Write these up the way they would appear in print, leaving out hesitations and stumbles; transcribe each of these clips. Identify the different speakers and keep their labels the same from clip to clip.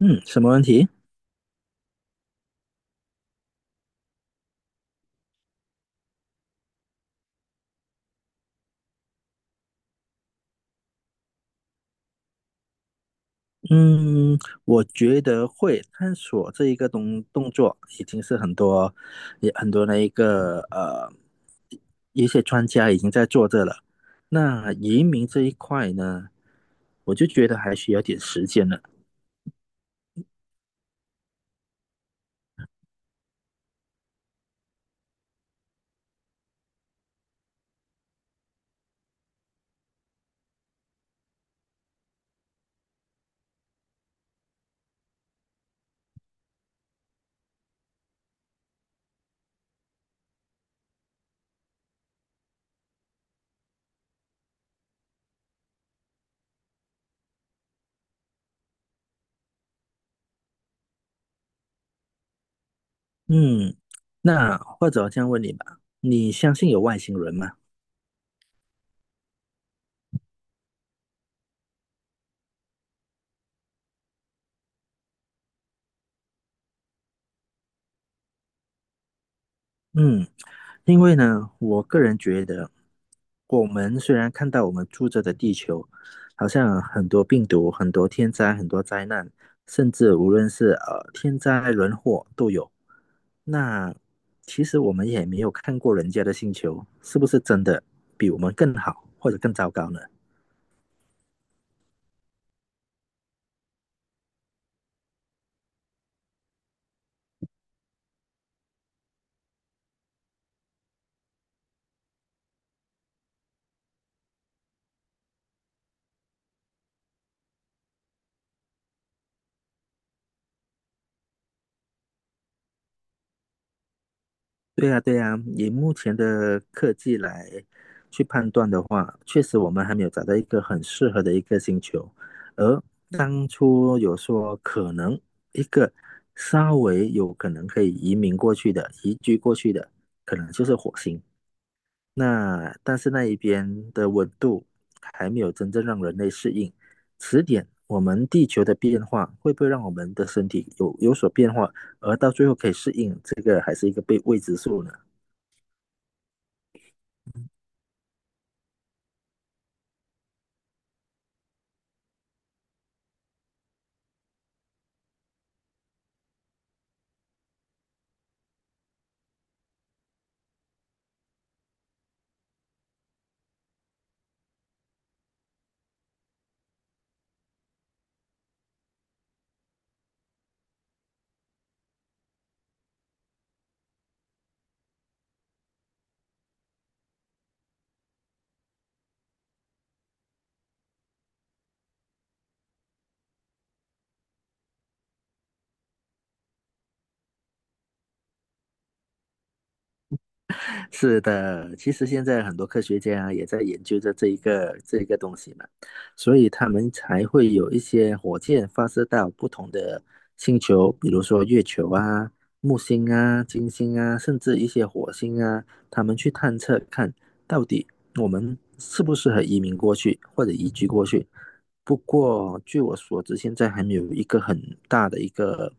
Speaker 1: 嗯，什么问题？嗯，我觉得会探索这一个动作，已经是很多也很多的一些专家已经在做这了。那移民这一块呢，我就觉得还需要点时间了。嗯，那或者我这样问你吧，你相信有外星人吗？嗯。因为呢，我个人觉得，我们虽然看到我们住着的地球，好像很多病毒、很多天灾、很多灾难，甚至无论是天灾人祸都有，那其实我们也没有看过人家的星球是不是真的比我们更好或者更糟糕呢？对呀，对呀，以目前的科技来去判断的话，确实我们还没有找到一个很适合的一个星球。而当初有说可能一个稍微有可能可以移民过去的、移居过去的，可能就是火星。那但是那一边的温度还没有真正让人类适应，迟点我们地球的变化会不会让我们的身体有所变化，而到最后可以适应，这个还是一个被未知数呢？是的，其实现在很多科学家啊也在研究着这一个东西嘛，所以他们才会有一些火箭发射到不同的星球，比如说月球啊、木星啊、金星啊，甚至一些火星啊，他们去探测看到底我们适不适合移民过去或者移居过去。不过据我所知，现在还没有一个很大的一个。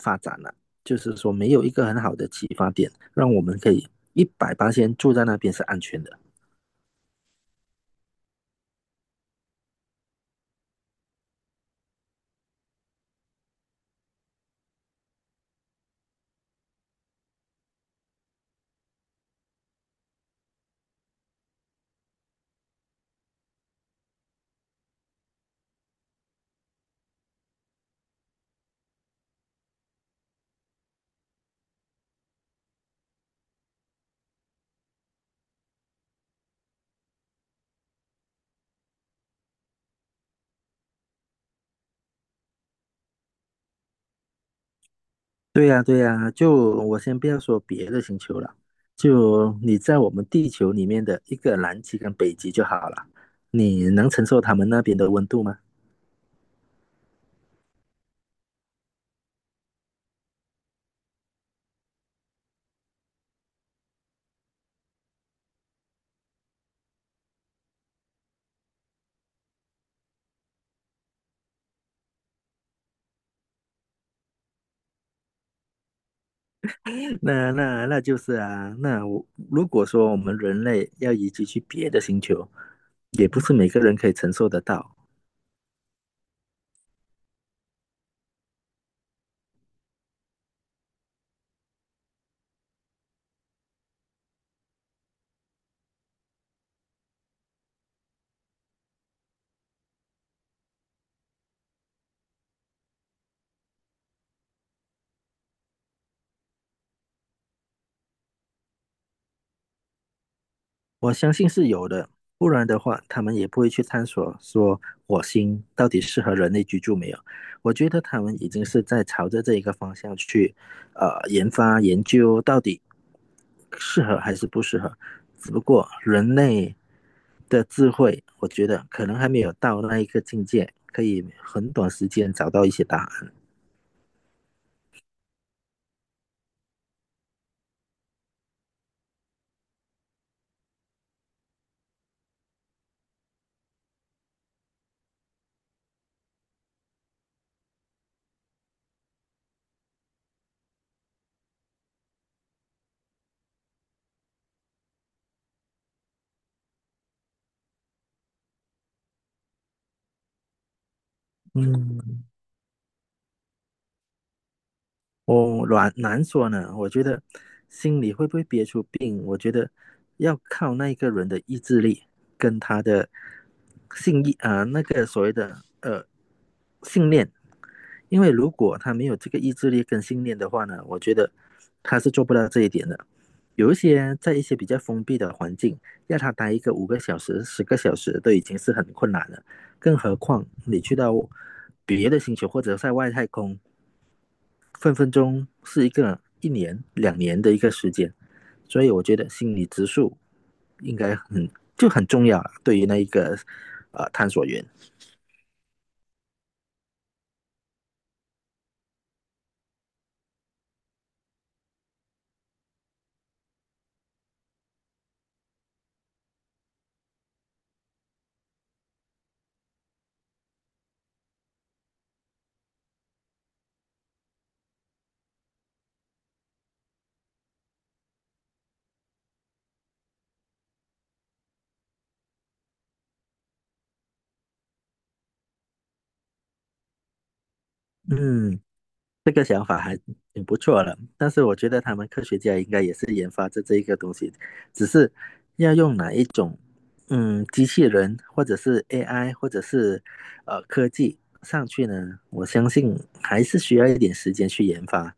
Speaker 1: 发展呢。就是说没有一个很好的启发点，让我们可以一百八先住在那边是安全的。对呀、啊对呀、啊就我先不要说别的星球了，就你在我们地球里面的一个南极跟北极就好了，你能承受他们那边的温度吗？那就是啊，那我如果说我们人类要移居去别的星球，也不是每个人可以承受得到。我相信是有的，不然的话，他们也不会去探索说火星到底适合人类居住没有。我觉得他们已经是在朝着这一个方向去，研发研究到底适合还是不适合。只不过人类的智慧，我觉得可能还没有到那一个境界，可以很短时间找到一些答案。嗯。我难说呢，我觉得心里会不会憋出病，我觉得要靠那一个人的意志力跟他的信义啊、那个所谓的信念，因为如果他没有这个意志力跟信念的话呢，我觉得他是做不到这一点的。有一些在一些比较封闭的环境，要他待一个5个小时、10个小时都已经是很困难了，更何况你去到别的星球或者在外太空，分分钟是一个一年、2年的一个时间，所以我觉得心理植树应该很重要对于那一个探索员。嗯，这个想挺不错了，但是我觉得他们科学家应该也是研发这一个东西，只是要用哪一种机器人或者是 AI 或者是科技上去呢？我相信还是需要一点时间去研发。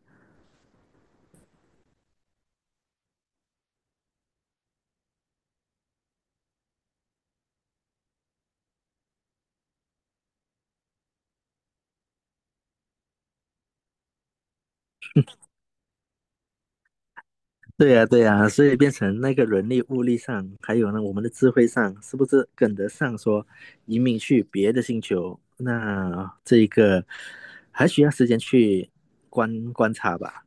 Speaker 1: 对呀，对呀，所以变成那个人力、物力上，还有呢，我们的智慧上，是不是跟得上说移民去别的星球？那这一个还需要时间去观察吧？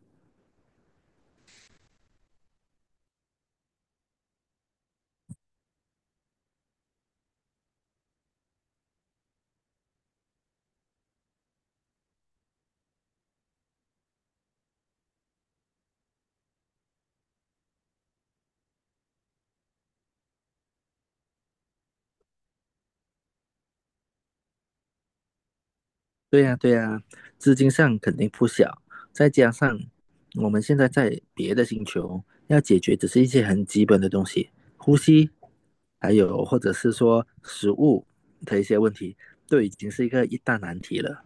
Speaker 1: 对呀，对呀，资金上肯定不小，再加上我们现在在别的星球，要解决只是一些很基本的东西，呼吸，还有或者是说食物的一些问题，都已经是一个一大难题了。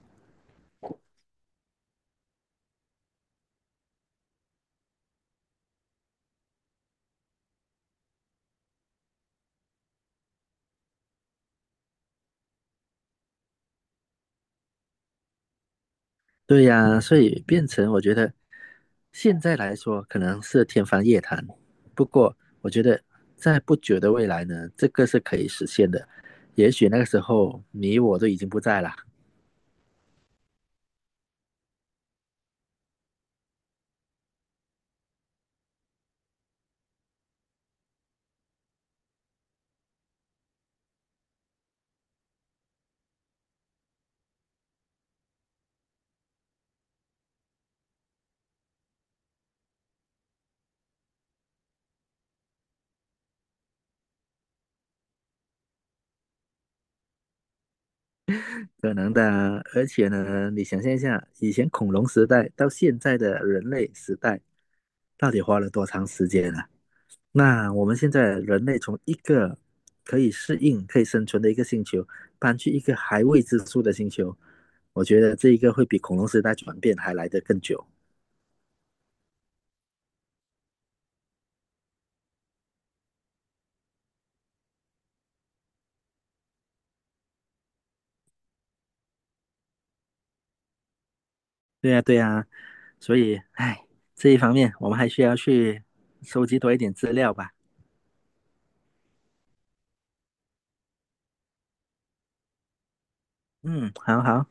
Speaker 1: 对呀，所以变成我觉得现在来说可能是天方夜谭，不过我觉得在不久的未来呢，这个是可以实现的。也许那个时候你我都已经不在了，可能的啊而且呢，你想象一下，以前恐龙时代到现在的人类时代，到底花了多长时间呢？那我们现在人类从一个可以适应、可以生存的一个星球，搬去一个还未知数的星球，我觉得这一个会比恐龙时代转变还来得更久。对呀，对呀，所以，哎，这一方面我们还需要去收集多一点资料吧。嗯，好好。